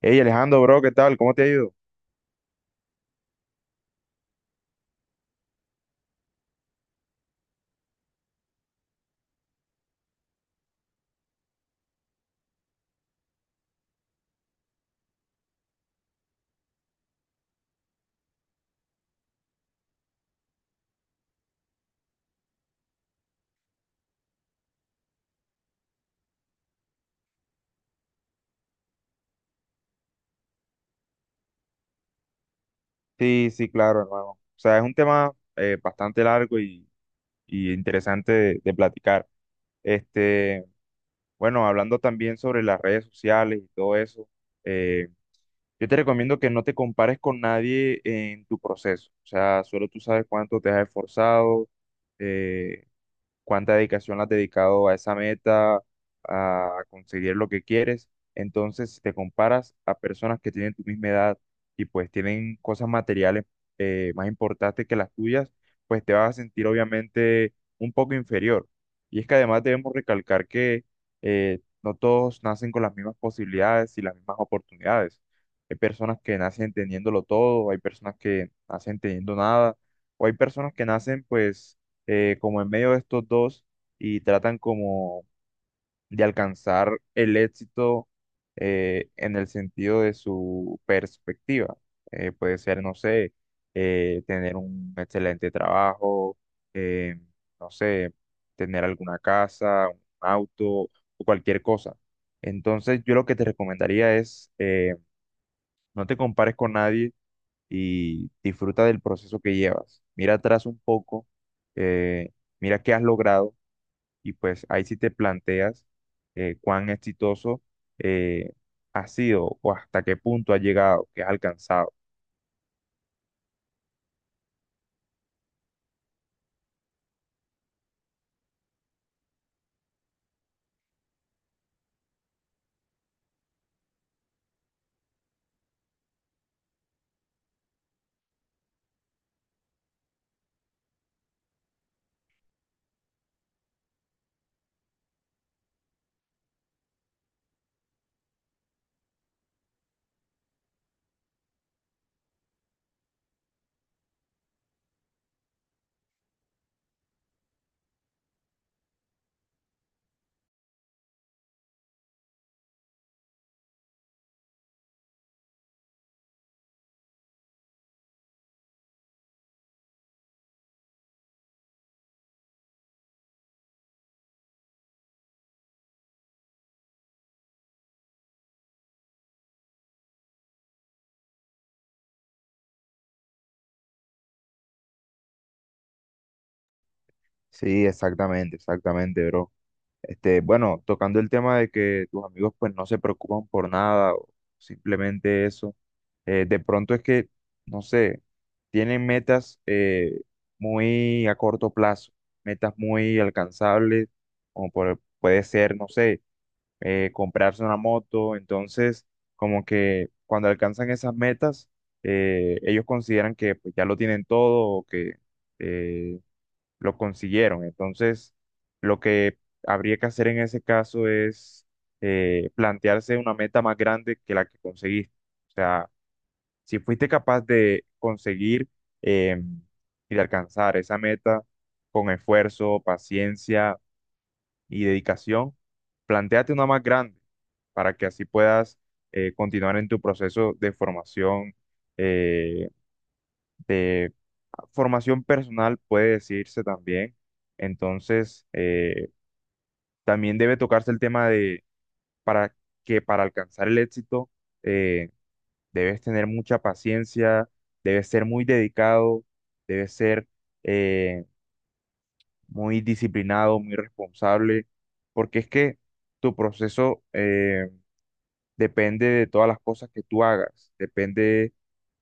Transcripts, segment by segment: Hey Alejandro, bro, ¿qué tal? ¿Cómo te ha ido? Sí, sí, claro, hermano. O sea, es un tema bastante largo y interesante de platicar. Este, bueno, hablando también sobre las redes sociales y todo eso, eh, yo te recomiendo que no te compares con nadie en tu proceso. O sea, solo tú sabes cuánto te has esforzado, eh, cuánta dedicación la has dedicado a esa meta, a conseguir lo que quieres. Entonces, si te comparas a personas que tienen tu misma edad y pues tienen cosas materiales más importantes que las tuyas, pues te vas a sentir obviamente un poco inferior. Y es que además debemos recalcar que no todos nacen con las mismas posibilidades y las mismas oportunidades. Hay personas que nacen teniéndolo todo, hay personas que nacen teniendo nada, o hay personas que nacen pues como en medio de estos dos y tratan como de alcanzar el éxito en el sentido de su perspectiva. Puede ser, no sé, tener un excelente trabajo, eh, no sé, tener alguna casa, un auto o cualquier cosa. Entonces, yo lo que te recomendaría es, no te compares con nadie y disfruta del proceso que llevas. Mira atrás un poco, eh, mira qué has logrado y pues ahí sí te planteas cuán exitoso eh, ha sido o hasta qué punto ha llegado, qué has alcanzado. Sí, exactamente, exactamente, bro. Bueno, tocando el tema de que tus amigos pues no se preocupan por nada o simplemente eso, de pronto es que, no sé, tienen metas muy a corto plazo, metas muy alcanzables, como puede ser, no sé, comprarse una moto. Entonces, como que cuando alcanzan esas metas, ellos consideran que pues, ya lo tienen todo o que eh, lo consiguieron. Entonces, lo que habría que hacer en ese caso es plantearse una meta más grande que la que conseguiste. O sea, si fuiste capaz de conseguir em, y de alcanzar esa meta con esfuerzo, paciencia, y dedicación, plantéate una más grande para que así puedas continuar en tu proceso eh, de formación personal, puede decirse también. Entonces, también debe tocarse el tema de para que para alcanzar el éxito eh, debes tener mucha paciencia, debes ser muy dedicado, debes ser eh, muy disciplinado, muy responsable, porque es que tu proceso depende de todas las cosas que tú hagas, depende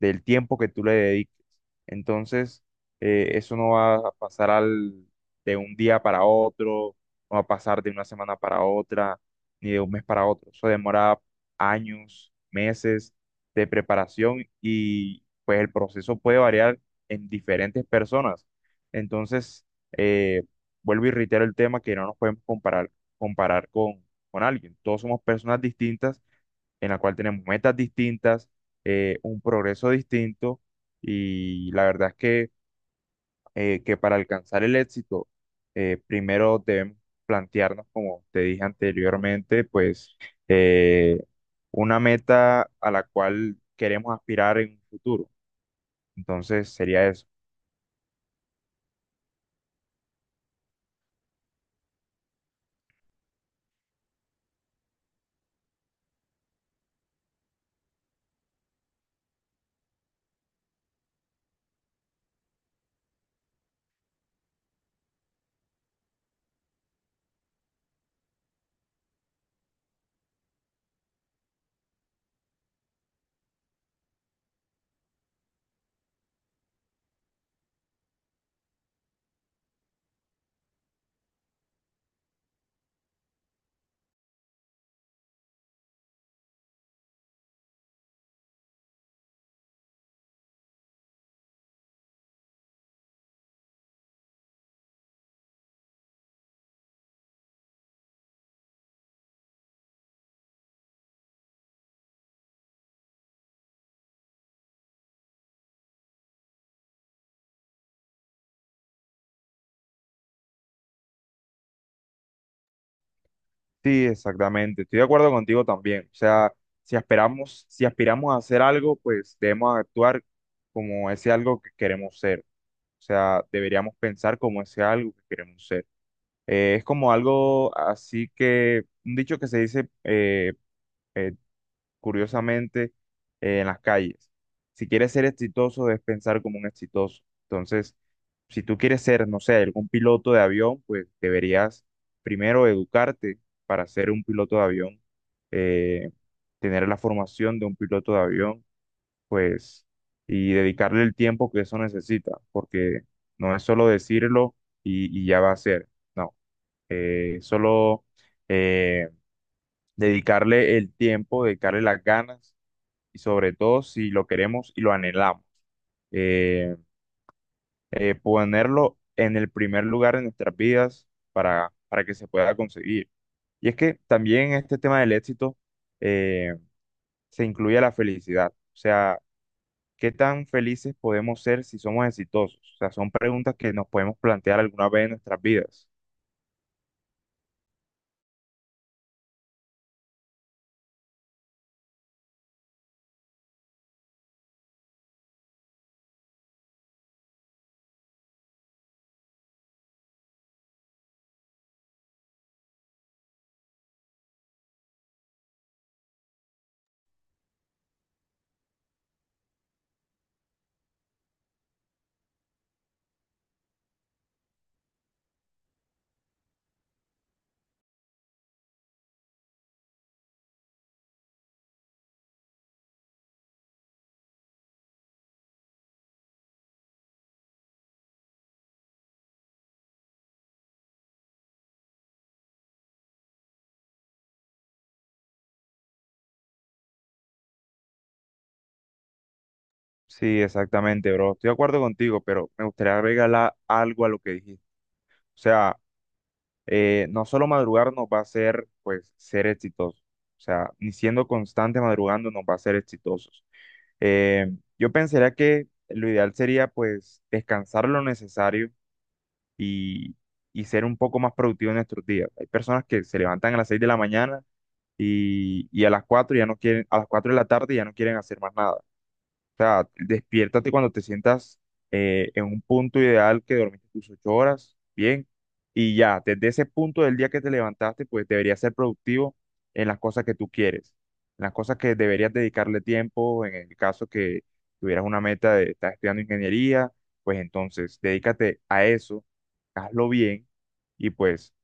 del tiempo que tú le dediques. Entonces, eso no va a pasar de un día para otro, no va a pasar de una semana para otra, ni de un mes para otro. Eso demora años, meses de preparación y pues el proceso puede variar en diferentes personas. Entonces, eh, vuelvo y reitero el tema que no nos podemos comparar con alguien. Todos somos personas distintas en la cual tenemos metas distintas, un progreso distinto y la verdad es que para alcanzar el éxito, primero debemos plantearnos, como te dije anteriormente, pues eh, una meta a la cual queremos aspirar en un futuro. Entonces sería eso. Sí, exactamente. Estoy de acuerdo contigo también. O sea, si esperamos, si aspiramos a hacer algo, pues debemos actuar como ese algo que queremos ser. O sea, deberíamos pensar como ese algo que queremos ser. Es como algo así que, un dicho que se dice eh, curiosamente en las calles. Si quieres ser exitoso, debes pensar como un exitoso. Entonces, si tú quieres ser, no sé, algún piloto de avión, pues deberías primero educarte para ser un piloto de avión, eh, tener la formación de un piloto de avión pues, y dedicarle el tiempo que eso necesita, porque no es solo decirlo y ya va a ser, no, solo eh, dedicarle el tiempo, dedicarle las ganas y sobre todo si lo queremos y lo anhelamos, eh, ponerlo en el primer lugar en nuestras vidas para que se pueda conseguir. Y es que también este tema del éxito eh, se incluye la felicidad, o sea, ¿qué tan felices podemos ser si somos exitosos? O sea, son preguntas que nos podemos plantear alguna vez en nuestras vidas. Sí, exactamente, bro. Estoy de acuerdo contigo, pero me gustaría agregar algo a lo que dijiste. O sea, no solo madrugar nos va a hacer, pues, ser exitosos. O sea, ni siendo constante madrugando nos va a hacer exitosos. Eh, yo pensaría que lo ideal sería, pues, descansar lo necesario y, y ser un poco más productivo en nuestros días. Hay personas que se levantan a las 6 de la mañana y a las 4 ya no quieren, a las 4 de la tarde ya no quieren hacer más nada. O sea, despiértate cuando te sientas en un punto ideal que dormiste tus 8 horas, bien, y ya, desde ese punto del día que te levantaste, pues deberías ser productivo en las cosas que tú quieres, en las cosas que deberías dedicarle tiempo, en el caso que tuvieras una meta de estar estudiando ingeniería, pues entonces dedícate a eso, hazlo bien y pues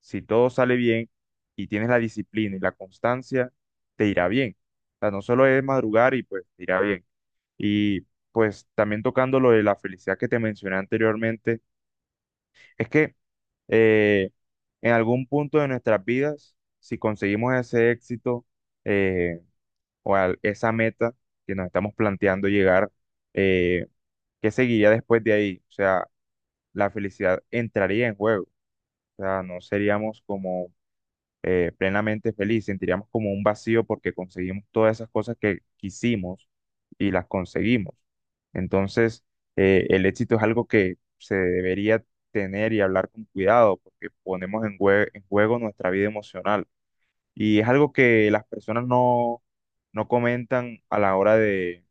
si todo sale bien y tienes la disciplina y la constancia, te irá bien. O sea, no solo es madrugar y pues te irá bien. Y pues también tocando lo de la felicidad que te mencioné anteriormente, es que eh, en algún punto de nuestras vidas, si conseguimos ese éxito eh, o esa meta que nos estamos planteando llegar, eh, ¿qué seguiría después de ahí? O sea, la felicidad entraría en juego. O sea, no seríamos como plenamente feliz, sentiríamos como un vacío porque conseguimos todas esas cosas que quisimos y las conseguimos. Entonces, el éxito es algo que se debería tener y hablar con cuidado porque ponemos en, en juego nuestra vida emocional y es algo que las personas no comentan a la hora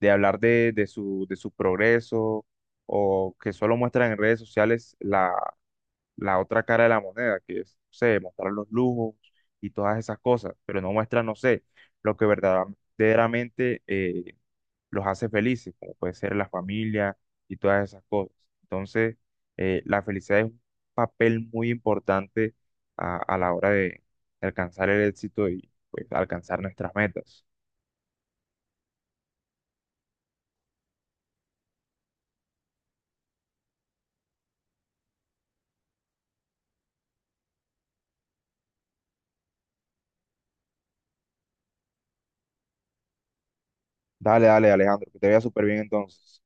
de hablar de de su progreso o que solo muestran en redes sociales la otra cara de la moneda, que es, no sé, mostrar los lujos y todas esas cosas, pero no muestra, no sé, lo que verdaderamente los hace felices, como puede ser la familia y todas esas cosas. Entonces, la felicidad es un papel muy importante a la hora de alcanzar el éxito y pues, alcanzar nuestras metas. Dale, dale, Alejandro, que te vea súper bien entonces.